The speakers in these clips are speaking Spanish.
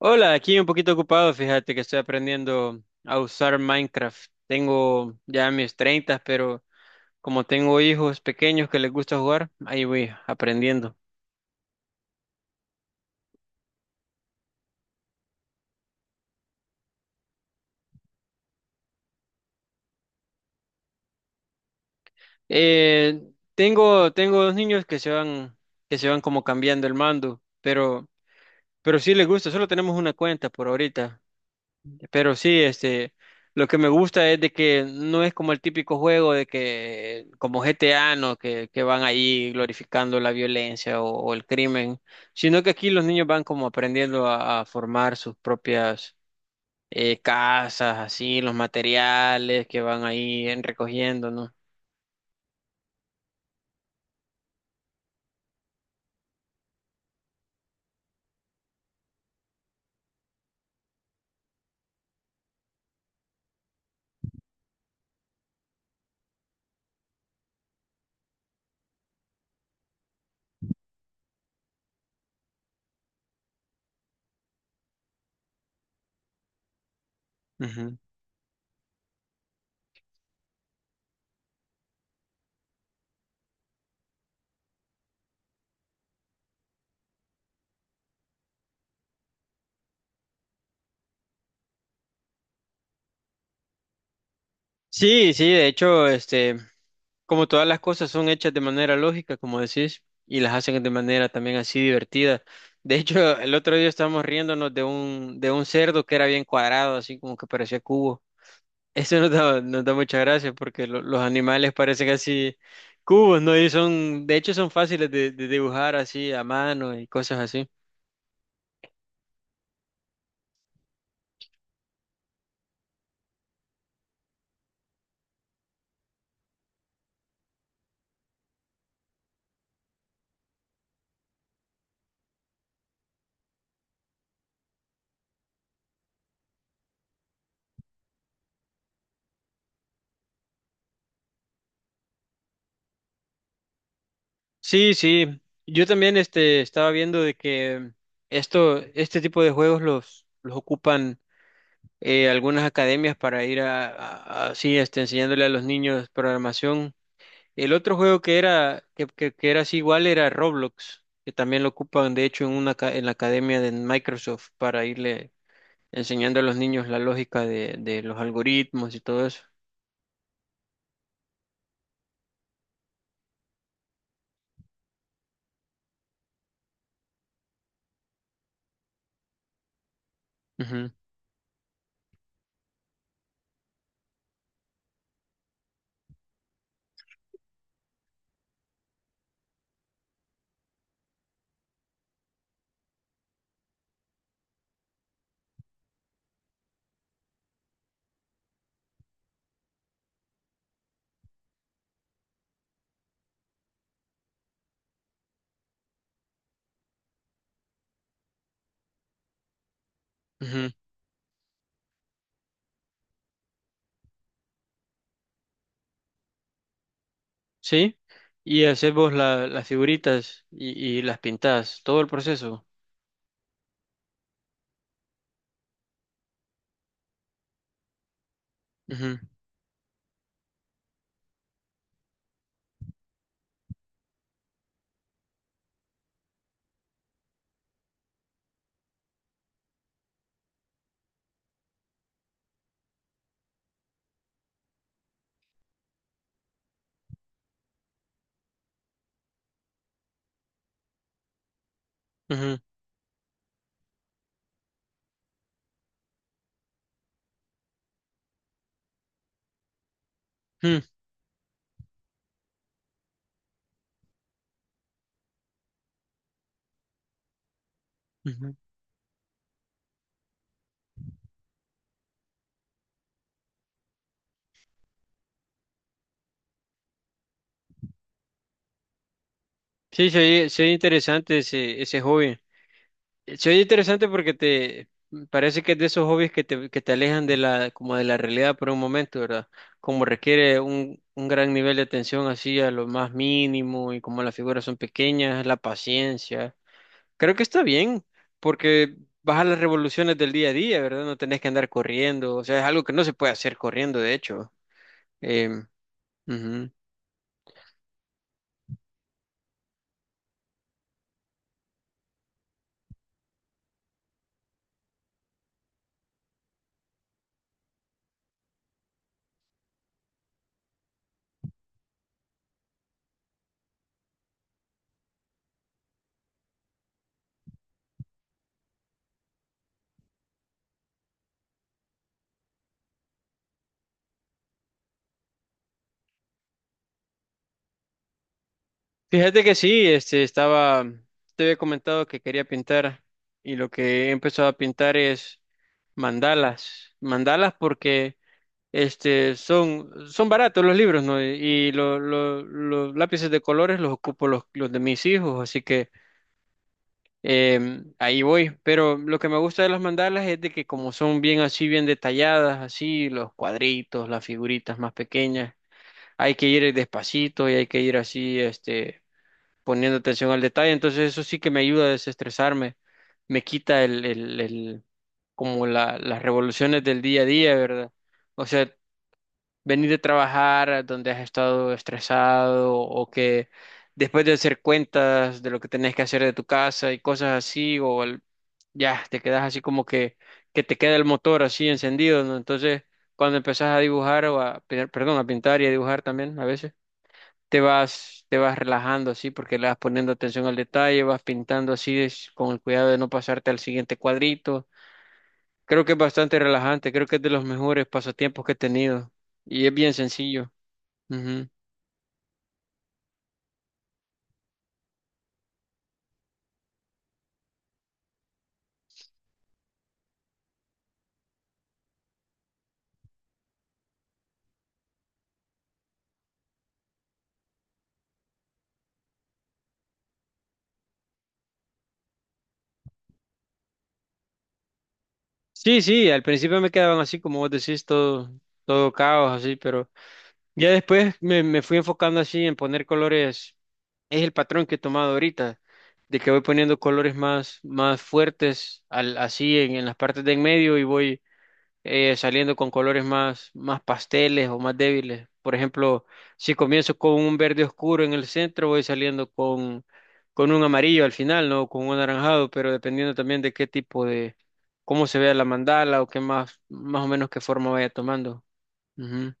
Hola, aquí un poquito ocupado, fíjate que estoy aprendiendo a usar Minecraft. Tengo ya mis 30, pero como tengo hijos pequeños que les gusta jugar, ahí voy aprendiendo. Eh, tengo dos niños que se van, como cambiando el mando, pero sí les gusta, solo tenemos una cuenta por ahorita. Pero sí, lo que me gusta es de que no es como el típico juego de que, como GTA, ¿no? Que van ahí glorificando la violencia o el crimen, sino que aquí los niños van como aprendiendo a formar sus propias casas, así, los materiales que van ahí recogiendo, no. Sí, sí, de hecho, como todas las cosas son hechas de manera lógica, como decís, y las hacen de manera también así divertida. De hecho, el otro día estábamos riéndonos de un cerdo que era bien cuadrado, así como que parecía cubo. Eso nos da mucha gracia porque los animales parecen así cubos, ¿no? Y son, de hecho, son fáciles de dibujar así a mano y cosas así. Sí, sí. Yo también, estaba viendo de que esto, este tipo de juegos los ocupan algunas academias para ir así enseñándole a los niños programación. El otro juego que era, que era así igual era Roblox, que también lo ocupan de hecho en una en la academia de Microsoft para irle enseñando a los niños la lógica de los algoritmos y todo eso. Ujú, ujú. ¿Sí? Y hacemos las figuritas y las pintadas, todo el proceso. Ujú, ujú, ujú, ujú. Sí, se oye interesante ese, ese hobby. Se oye interesante porque te parece que es de esos hobbies que te alejan de la, como de la realidad por un momento, ¿verdad? Como requiere un gran nivel de atención así a lo más mínimo y como las figuras son pequeñas, la paciencia. Creo que está bien porque baja las revoluciones del día a día, ¿verdad? No tenés que andar corriendo, o sea, es algo que no se puede hacer corriendo, de hecho. Em, ujú. Fíjate que sí, estaba, te había comentado que quería pintar y lo que he empezado a pintar es mandalas, mandalas porque son baratos los libros, ¿no? Y los lápices de colores los ocupo los de mis hijos, así que ahí voy. Pero lo que me gusta de las mandalas es de que como son bien así, bien detalladas, así los cuadritos, las figuritas más pequeñas, hay que ir despacito y hay que ir así, poniendo atención al detalle, entonces eso sí que me ayuda a desestresarme, me quita el como las revoluciones del día a día, ¿verdad? O sea, venir de trabajar donde has estado estresado o que después de hacer cuentas de lo que tenés que hacer de tu casa y cosas así, ya te quedas así como que te queda el motor así encendido, ¿no? Entonces, cuando empezás a dibujar o a pintar y a dibujar también a veces te vas relajando así porque le vas poniendo atención al detalle, vas pintando con el cuidado de no pasarte al siguiente cuadrito. Creo que es bastante relajante, creo que es de los mejores pasatiempos que he tenido y es bien sencillo. Ujú. Sí, sí, al principio me quedaban así como vos decís, todo caos así, pero ya después me fui enfocando así en poner colores. Es el patrón que he tomado ahorita, de que voy poniendo colores más fuertes al, así en las partes de en medio y voy saliendo con colores más pasteles o más débiles. Por ejemplo, si comienzo con un verde oscuro en el centro, voy saliendo con un amarillo al final, ¿no? Con un anaranjado, pero dependiendo también de qué tipo de, cómo se vea la mandala o qué más, más o menos qué forma vaya tomando. Ujú.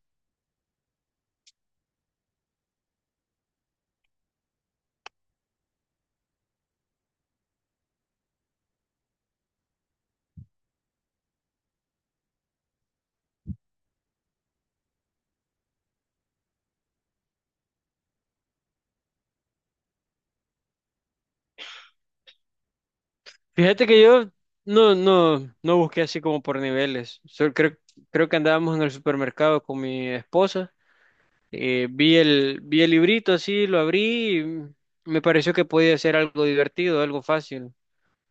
Fíjate que yo no, no, no busqué así como por niveles. Creo que andábamos en el supermercado con mi esposa. Vi el librito así, lo abrí y me pareció que podía ser algo divertido, algo fácil,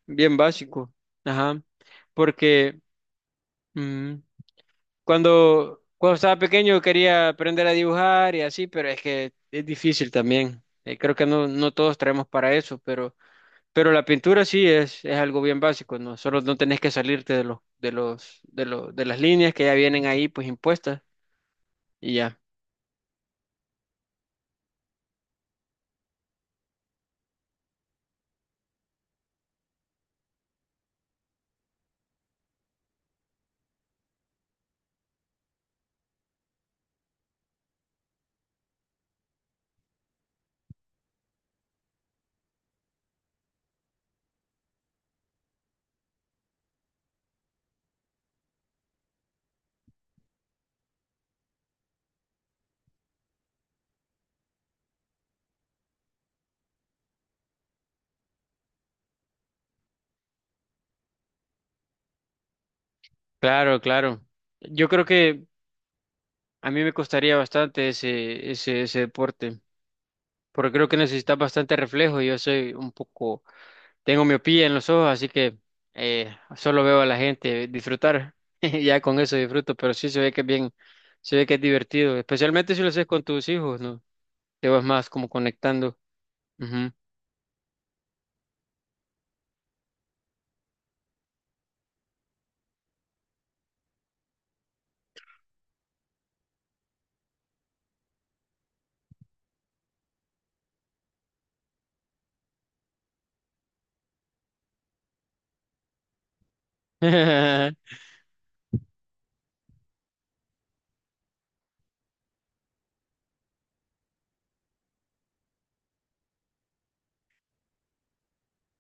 bien básico. Ajá. Porque mm, cuando estaba pequeño quería aprender a dibujar y así, pero es que es difícil también. Creo que no, no todos traemos para eso, pero la pintura sí es algo bien básico, ¿no? Solo no tenés que salirte de de las líneas que ya vienen ahí pues impuestas y ya. Claro, claro. Yo creo que a mí me costaría bastante ese deporte, porque creo que necesitas bastante reflejo. Yo soy un poco, tengo miopía en los ojos, así que solo veo a la gente disfrutar. Ya con eso disfruto, pero se ve que es divertido, especialmente si lo haces con tus hijos, ¿no? Te vas más como conectando. Ujú.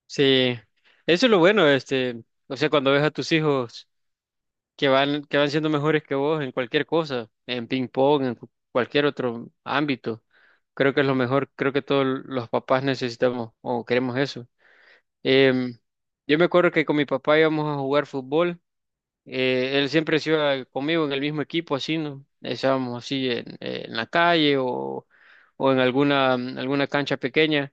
Sí, eso es lo bueno, o sea, cuando ves a tus hijos que van siendo mejores que vos en cualquier cosa, en ping pong, en cualquier otro ámbito. Creo que es lo mejor, creo que todos los papás necesitamos o queremos eso. Em, yo me acuerdo que con mi papá íbamos a jugar fútbol, él siempre se iba conmigo en el mismo equipo, así, ¿no? Estábamos así en la calle o en alguna, alguna cancha pequeña.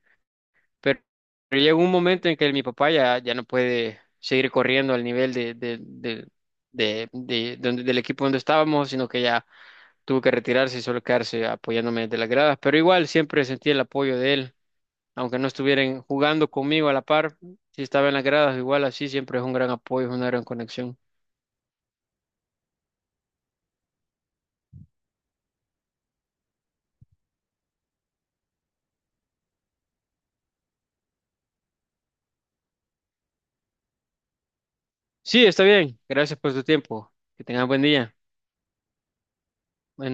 Pero, pero llega un momento en que mi papá ya, ya no puede seguir corriendo al nivel del equipo donde estábamos, sino que ya tuvo que retirarse y solo quedarse apoyándome desde las gradas. Pero igual siempre sentí el apoyo de él, aunque no estuvieran jugando conmigo a la par, si estaba en las gradas, igual así siempre es un gran apoyo, es una gran conexión. Sí, está bien. Gracias por tu tiempo. Que tengas buen día. Buenas.